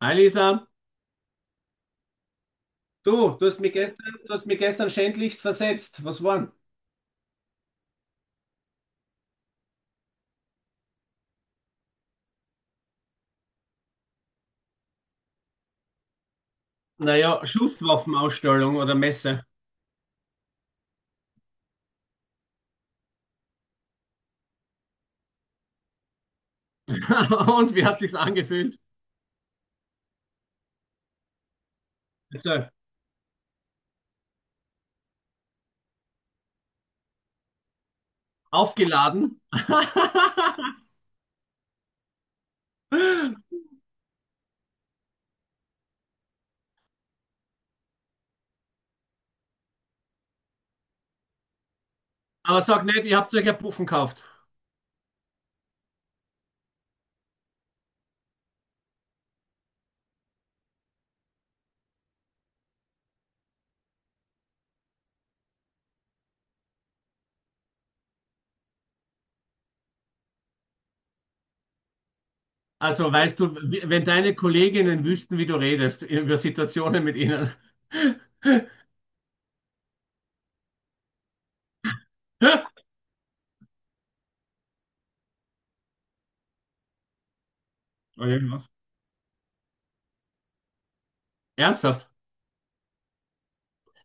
Hi Lisa, du hast mich gestern, schändlichst versetzt. Was waren? Naja, Schusswaffenausstellung oder Messe. Und wie hat sich's angefühlt? Also, aufgeladen. Aber sag nicht, ihr habt euch ja Puffen gekauft. Also weißt du, wenn deine Kolleginnen wüssten, wie du redest, über Situationen mit ihnen. Oh, irgendwas. Ernsthaft?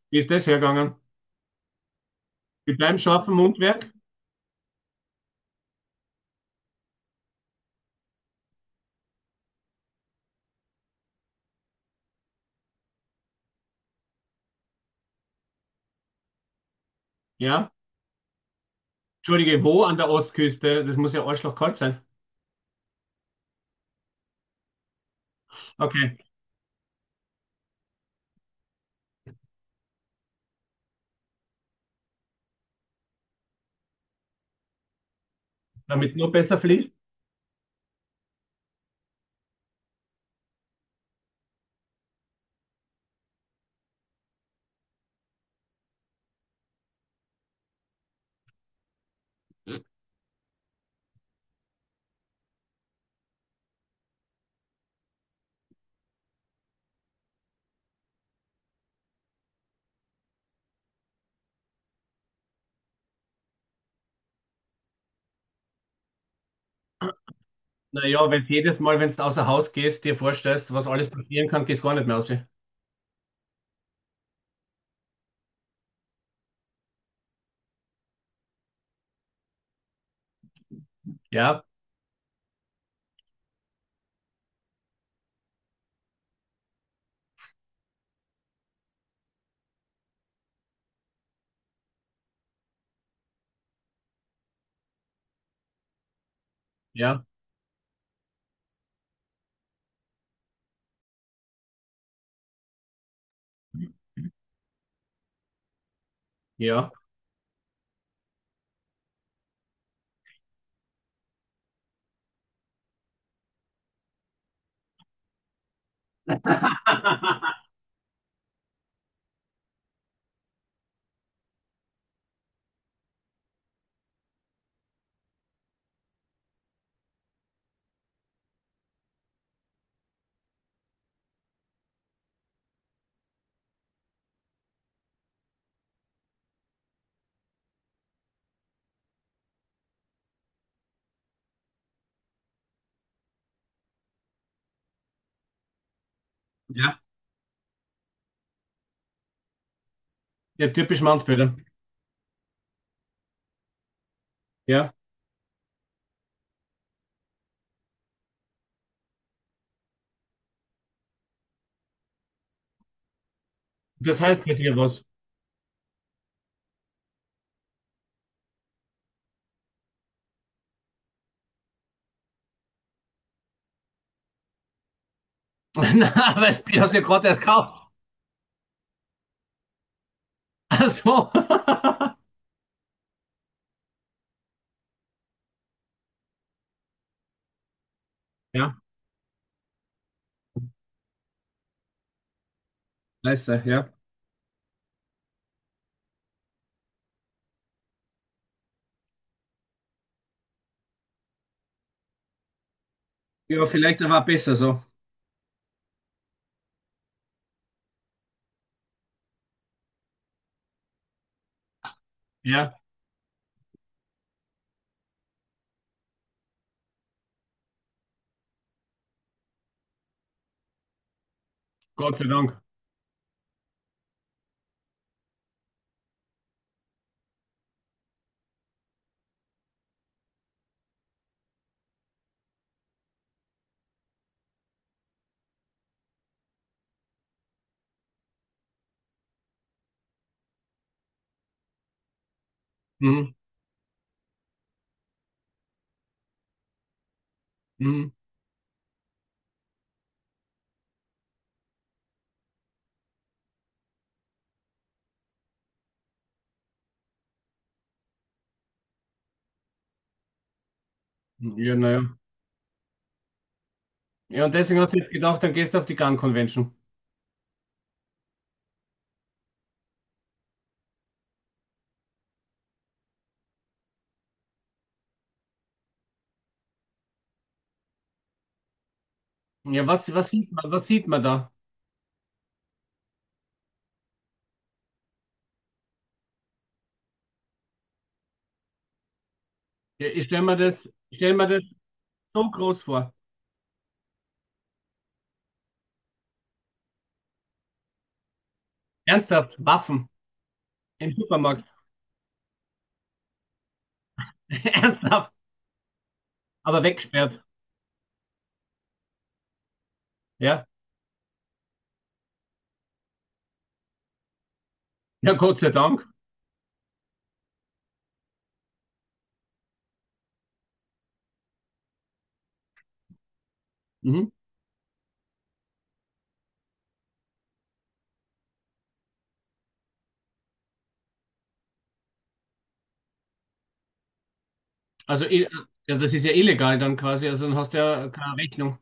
Wie ist das hergegangen? Mit deinem scharfen Mundwerk? Ja. Entschuldige, wo an der Ostküste? Das muss ja arschlochkalt sein. Okay. Damit es noch besser fließt? Naja, weil jedes Mal, wenn du außer Haus gehst, dir vorstellst, was alles passieren kann, gehst gar nicht mehr raus. Ja, ja, ja. Ja, ja, typisch Mannsbilder. Ja, das heißt bei dir was. Na, weißt du, die hast du ja gerade erst gekauft. Ach so. Ja, scheiße, ja. Ja, vielleicht aber auch besser so. Ja, Gott sei Dank. Mhm, mhm. Ja, naja. Ja, ja, und deswegen hast du jetzt gedacht, dann gehst du auf die Gun Convention. Ja, was, was sieht man da? Ja, ich stelle mir das, ich stell mir das so groß vor. Ernsthaft, Waffen im Supermarkt. Ernsthaft, aber weggesperrt. Ja, ja, Gott sei Dank. Mhm. Also, ja, das ist ja illegal dann quasi, also dann hast du ja keine Rechnung.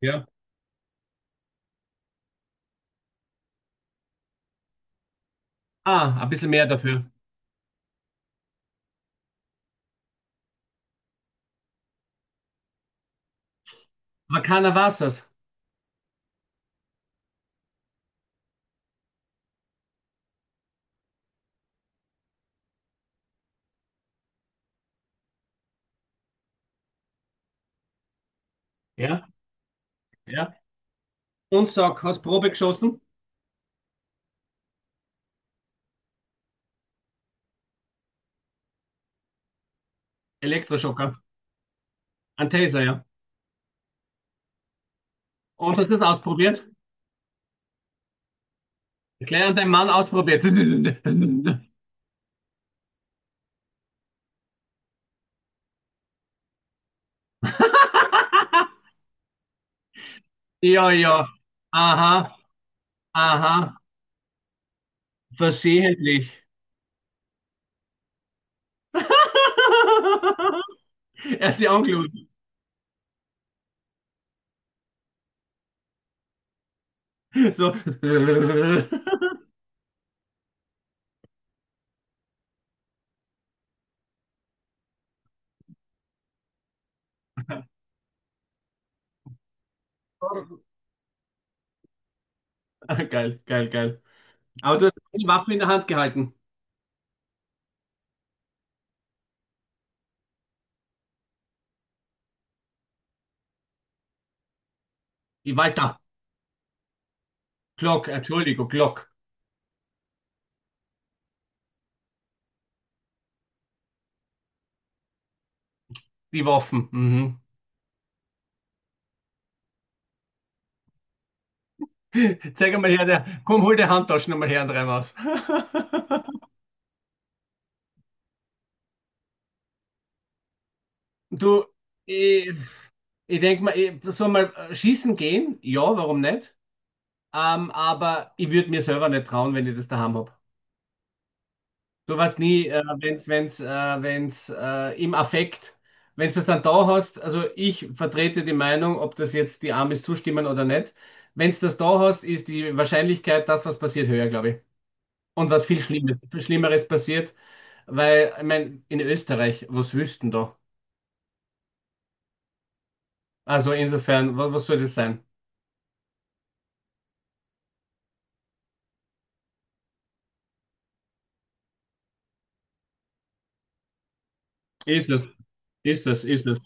Ja. Ah, ein bisschen mehr dafür. Aber keiner weiß es. Ja, ja. Und sag, hast Probe geschossen? Elektroschocker. Ein Taser, ja. Und hast du das ausprobiert? Gleich an deinem Mann ausprobiert. Ja, ja. Aha, aha. Versehentlich. Er hat sie angelogen. So. Geil, geil, geil. Aber du hast die Waffen in der Hand gehalten. Die Walter. Glock, Entschuldigung, Glock. Die Waffen. Mhm. Zeig mal her, der, komm, hol die Handtaschen nochmal her und rein raus. Du, ich, ich denke mal, ich soll mal schießen gehen. Ja, warum nicht? Aber ich würde mir selber nicht trauen, wenn ich das daheim habe. Sowas nie, wenn's im Affekt, wenn's das dann da hast, also ich vertrete die Meinung, ob das jetzt die Amis zustimmen oder nicht, wenn's das da hast, ist die Wahrscheinlichkeit, dass was passiert, höher, glaube ich. Und was Schlimmeres passiert, weil, ich meine, in Österreich, was wüssten da? Also insofern, was, was soll das sein? Ist es, ist es, ist es.